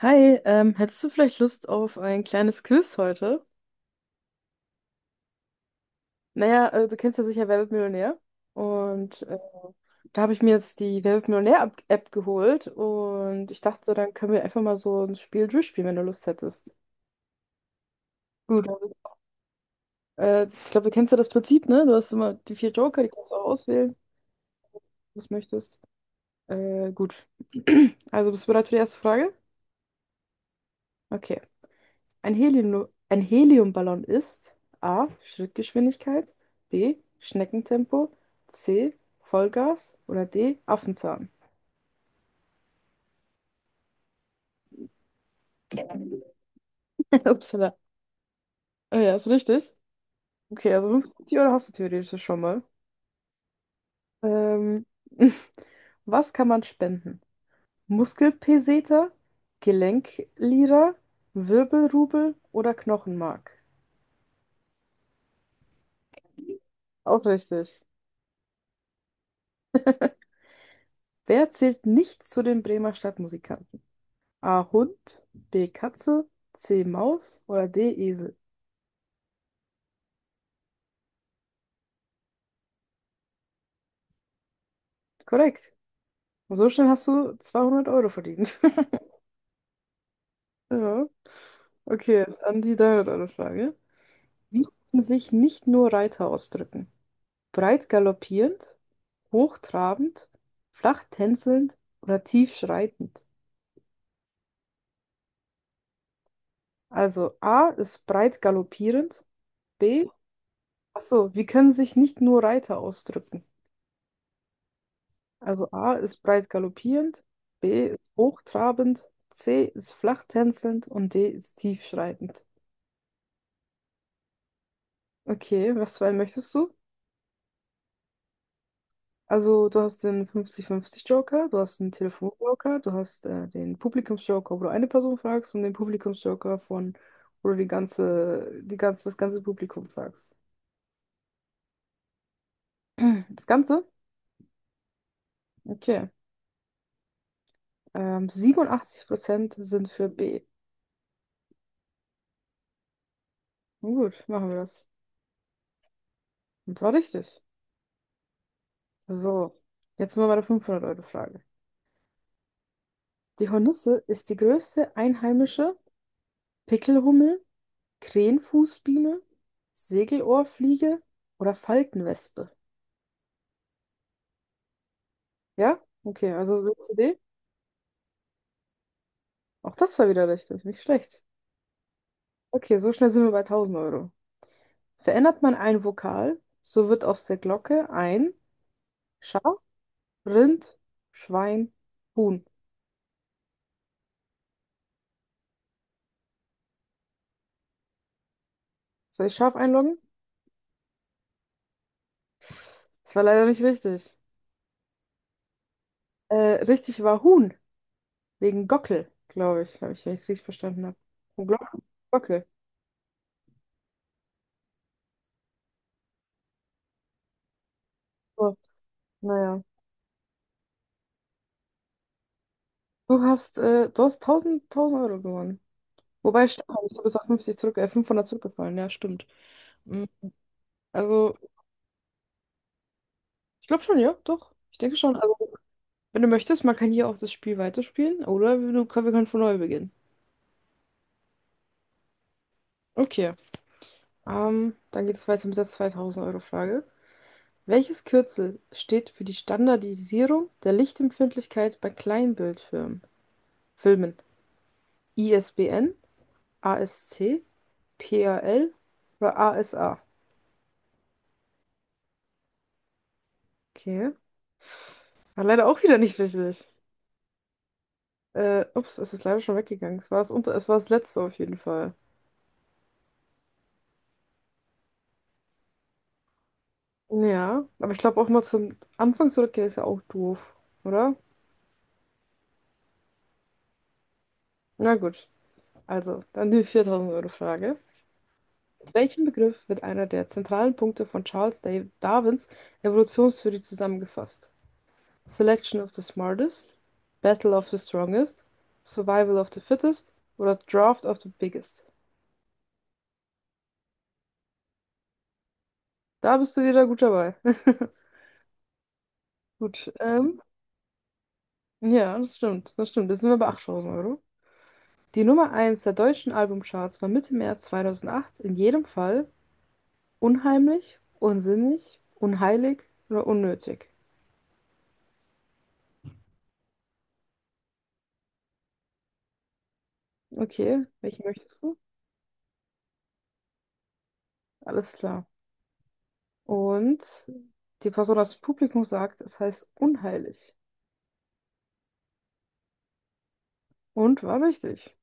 Hi, hättest du vielleicht Lust auf ein kleines Quiz heute? Naja, du kennst ja sicher Wer wird Millionär? Und da habe ich mir jetzt die Wer wird Millionär-App geholt und ich dachte, so, dann können wir einfach mal so ein Spiel durchspielen, wenn du Lust hättest. Gut. Ich glaube, du kennst ja das Prinzip, ne? Du hast immer die vier Joker, die kannst du auch auswählen, was du möchtest. Gut. Also bist du bereit für die erste Frage? Okay. Ein Heliumballon ist A. Schrittgeschwindigkeit, B. Schneckentempo, C. Vollgas oder D. Affenzahn. Upsala. Ah, ja, ist richtig. Okay, also 50 € hast du theoretisch schon mal. Ähm, was kann man spenden? Muskelpeseter, Gelenklira, Wirbelrubel oder Knochenmark? Auch richtig. Wer zählt nicht zu den Bremer Stadtmusikern? A. Hund, B. Katze, C. Maus oder D. Esel. Korrekt. Und so schnell hast du 200 € verdient. Ja. Okay, dann die 300-Euro-Frage. Wie können sich nicht nur Reiter ausdrücken? Breit galoppierend, hochtrabend, flach tänzelnd oder tief schreitend? Also A ist breit galoppierend, B. Achso, wie können sich nicht nur Reiter ausdrücken? Also A ist breit galoppierend, B ist hochtrabend, C ist flach tänzelnd und D ist tiefschreitend. Okay, was für einen möchtest du? Also du hast den 50-50-Joker, du hast den Telefon-Joker, du hast den Publikums-Joker, wo du eine Person fragst und den Publikums-Joker von, wo du das ganze Publikum fragst. Das Ganze? Okay. 87% sind für B. Nun gut, machen wir das. Und war richtig. So, jetzt mal meine 500-Euro-Frage. Die Hornisse ist die größte einheimische Pickelhummel, Krähenfußbiene, Segelohrfliege oder Faltenwespe. Ja? Okay, also willst du den? Auch das war wieder richtig, nicht schlecht. Okay, so schnell sind wir bei tausend Euro. Verändert man ein Vokal, so wird aus der Glocke ein Schaf, Rind, Schwein, Huhn. Soll ich Schaf einloggen? Das war leider nicht richtig. Äh, Richtig war Huhn, wegen Gockel, glaube ich, habe ich, wenn ich es richtig verstanden habe. Und Glocke, Gockel. So, naja. Du hast tausend Euro gewonnen. Wobei, stimmt, gar nicht, du bist auf 50 zurück, 500 zurückgefallen, ja, stimmt. Mhm. Also, ich glaube schon, ja, doch. Ich denke schon. Also, wenn du möchtest, man kann hier auch das Spiel weiterspielen oder wir können von neu beginnen. Okay, dann geht es weiter mit der 2.000-Euro-Frage. Welches Kürzel steht für die Standardisierung der Lichtempfindlichkeit bei Kleinbildfilmen? Filmen. ISBN, ASC, PAL oder ASA? Okay. War leider auch wieder nicht richtig. Ups, es ist leider schon weggegangen. Es war das letzte auf jeden Fall. Ja, aber ich glaube auch mal zum Anfang zurückgehen ist ja auch doof, oder? Na gut, also dann die 4.000-Euro-Frage. Mit welchem Begriff wird einer der zentralen Punkte von Charles Darwins Evolutionstheorie zusammengefasst? Selection of the smartest, Battle of the strongest, Survival of the fittest oder Draft of the biggest? Da bist du wieder gut dabei. Gut, ja, das stimmt, das stimmt. Jetzt sind wir bei 8000 Euro. Die Nummer eins der deutschen Albumcharts war Mitte März 2008 in jedem Fall unheimlich, unsinnig, unheilig oder unnötig. Okay, welchen möchtest du? Alles klar. Und die Person aus dem Publikum sagt, es heißt unheilig. Und war richtig.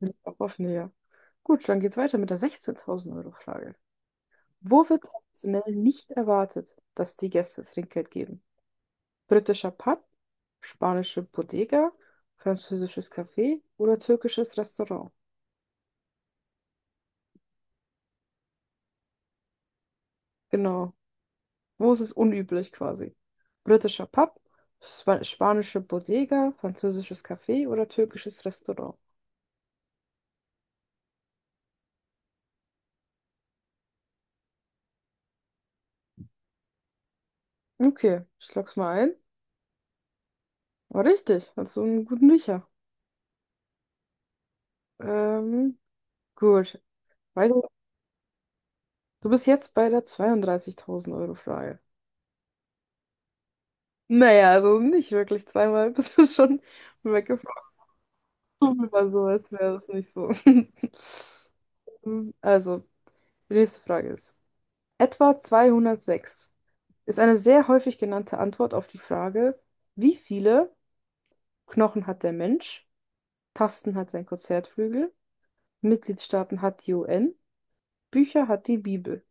Liegt auch auf näher. Gut, dann geht's weiter mit der 16.000-Euro-Frage. Wo wird traditionell nicht erwartet, dass die Gäste Trinkgeld geben? Britischer Pub, spanische Bodega, französisches Café oder türkisches Restaurant. Genau. Wo ist es unüblich quasi? Britischer Pub, spanische Bodega, französisches Café oder türkisches Restaurant. Okay, ich log's mal ein. War richtig, hast du einen guten Riecher. Ähm, gut. Weiter. Du bist jetzt bei der 32.000-Euro-Frage. Naja, also nicht wirklich zweimal bist du schon weggeflogen. Aber so, als wäre das nicht so. Also, die nächste Frage ist, etwa 206 ist eine sehr häufig genannte Antwort auf die Frage, wie viele Knochen hat der Mensch, Tasten hat sein Konzertflügel, Mitgliedstaaten hat die UN, Bücher hat die Bibel.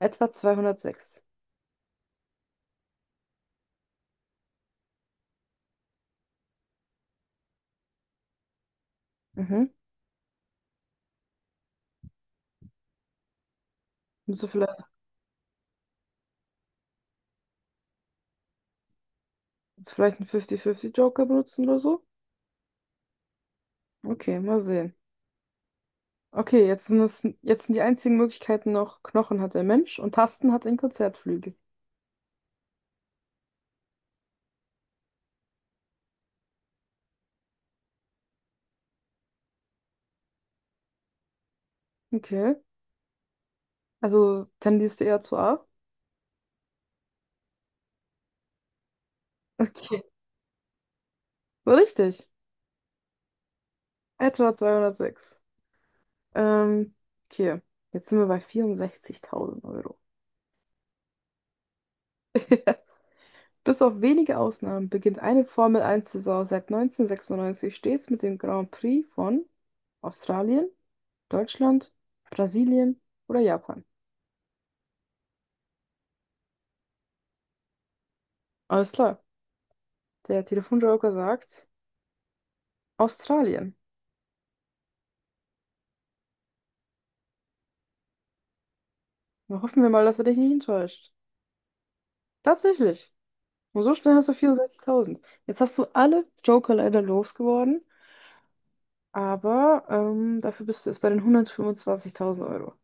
Etwa 206. Mhm. Musst du vielleicht einen 50-50-Joker benutzen oder so? Okay, mal sehen. Okay, jetzt sind die einzigen Möglichkeiten noch, Knochen hat der Mensch und Tasten hat ein Konzertflügel. Okay, also tendierst du eher zu A? Okay. So richtig. Etwa 206. Ähm, okay. Jetzt sind wir bei 64.000 Euro. Bis auf wenige Ausnahmen beginnt eine Formel-1-Saison seit 1996 stets mit dem Grand Prix von Australien, Deutschland, Brasilien oder Japan. Alles klar. Der Telefonjoker sagt Australien. Na, hoffen wir mal, dass er dich nicht enttäuscht. Tatsächlich. Und so schnell hast du 64.000. Jetzt hast du alle Joker leider losgeworden. Aber dafür bist du jetzt bei den 125.000 Euro.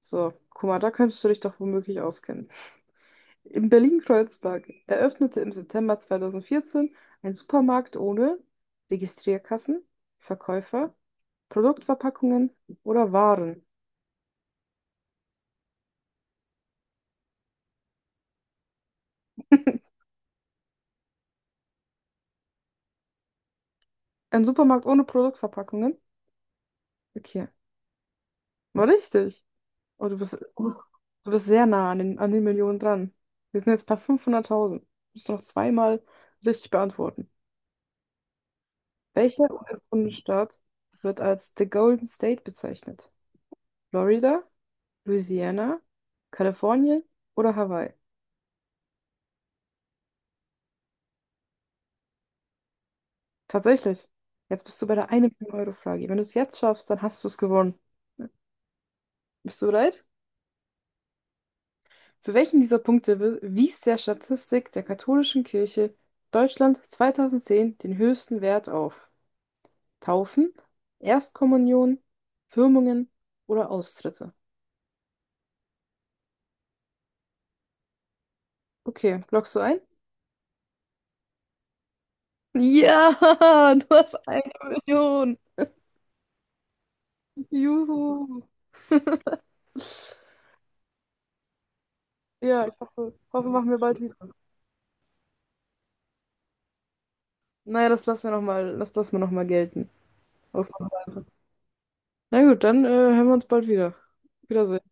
So, guck mal, da könntest du dich doch womöglich auskennen. In Berlin-Kreuzberg eröffnete im September 2014 ein Supermarkt ohne Registrierkassen, Verkäufer, Produktverpackungen oder Waren. Ein Supermarkt ohne Produktverpackungen? Okay, war richtig. Oh, du bist sehr nah an den Millionen dran. Wir sind jetzt bei 500.000. Musst du noch zweimal richtig beantworten. Welcher US-Bundesstaat wird als The Golden State bezeichnet? Florida, Louisiana, Kalifornien oder Hawaii? Tatsächlich. Jetzt bist du bei der 1-Euro-Frage. Wenn du es jetzt schaffst, dann hast du es gewonnen. Bist du bereit? Für welchen dieser Punkte wies der Statistik der katholischen Kirche Deutschland 2010 den höchsten Wert auf? Taufen, Erstkommunion, Firmungen oder Austritte? Okay, loggst du ein? Ja, du hast eine Million. Juhu. Ja, ich hoffe, machen wir bald wieder. Naja, das lassen wir noch mal gelten. Ausnahmsweise. Na gut, dann hören wir uns bald wieder. Wiedersehen.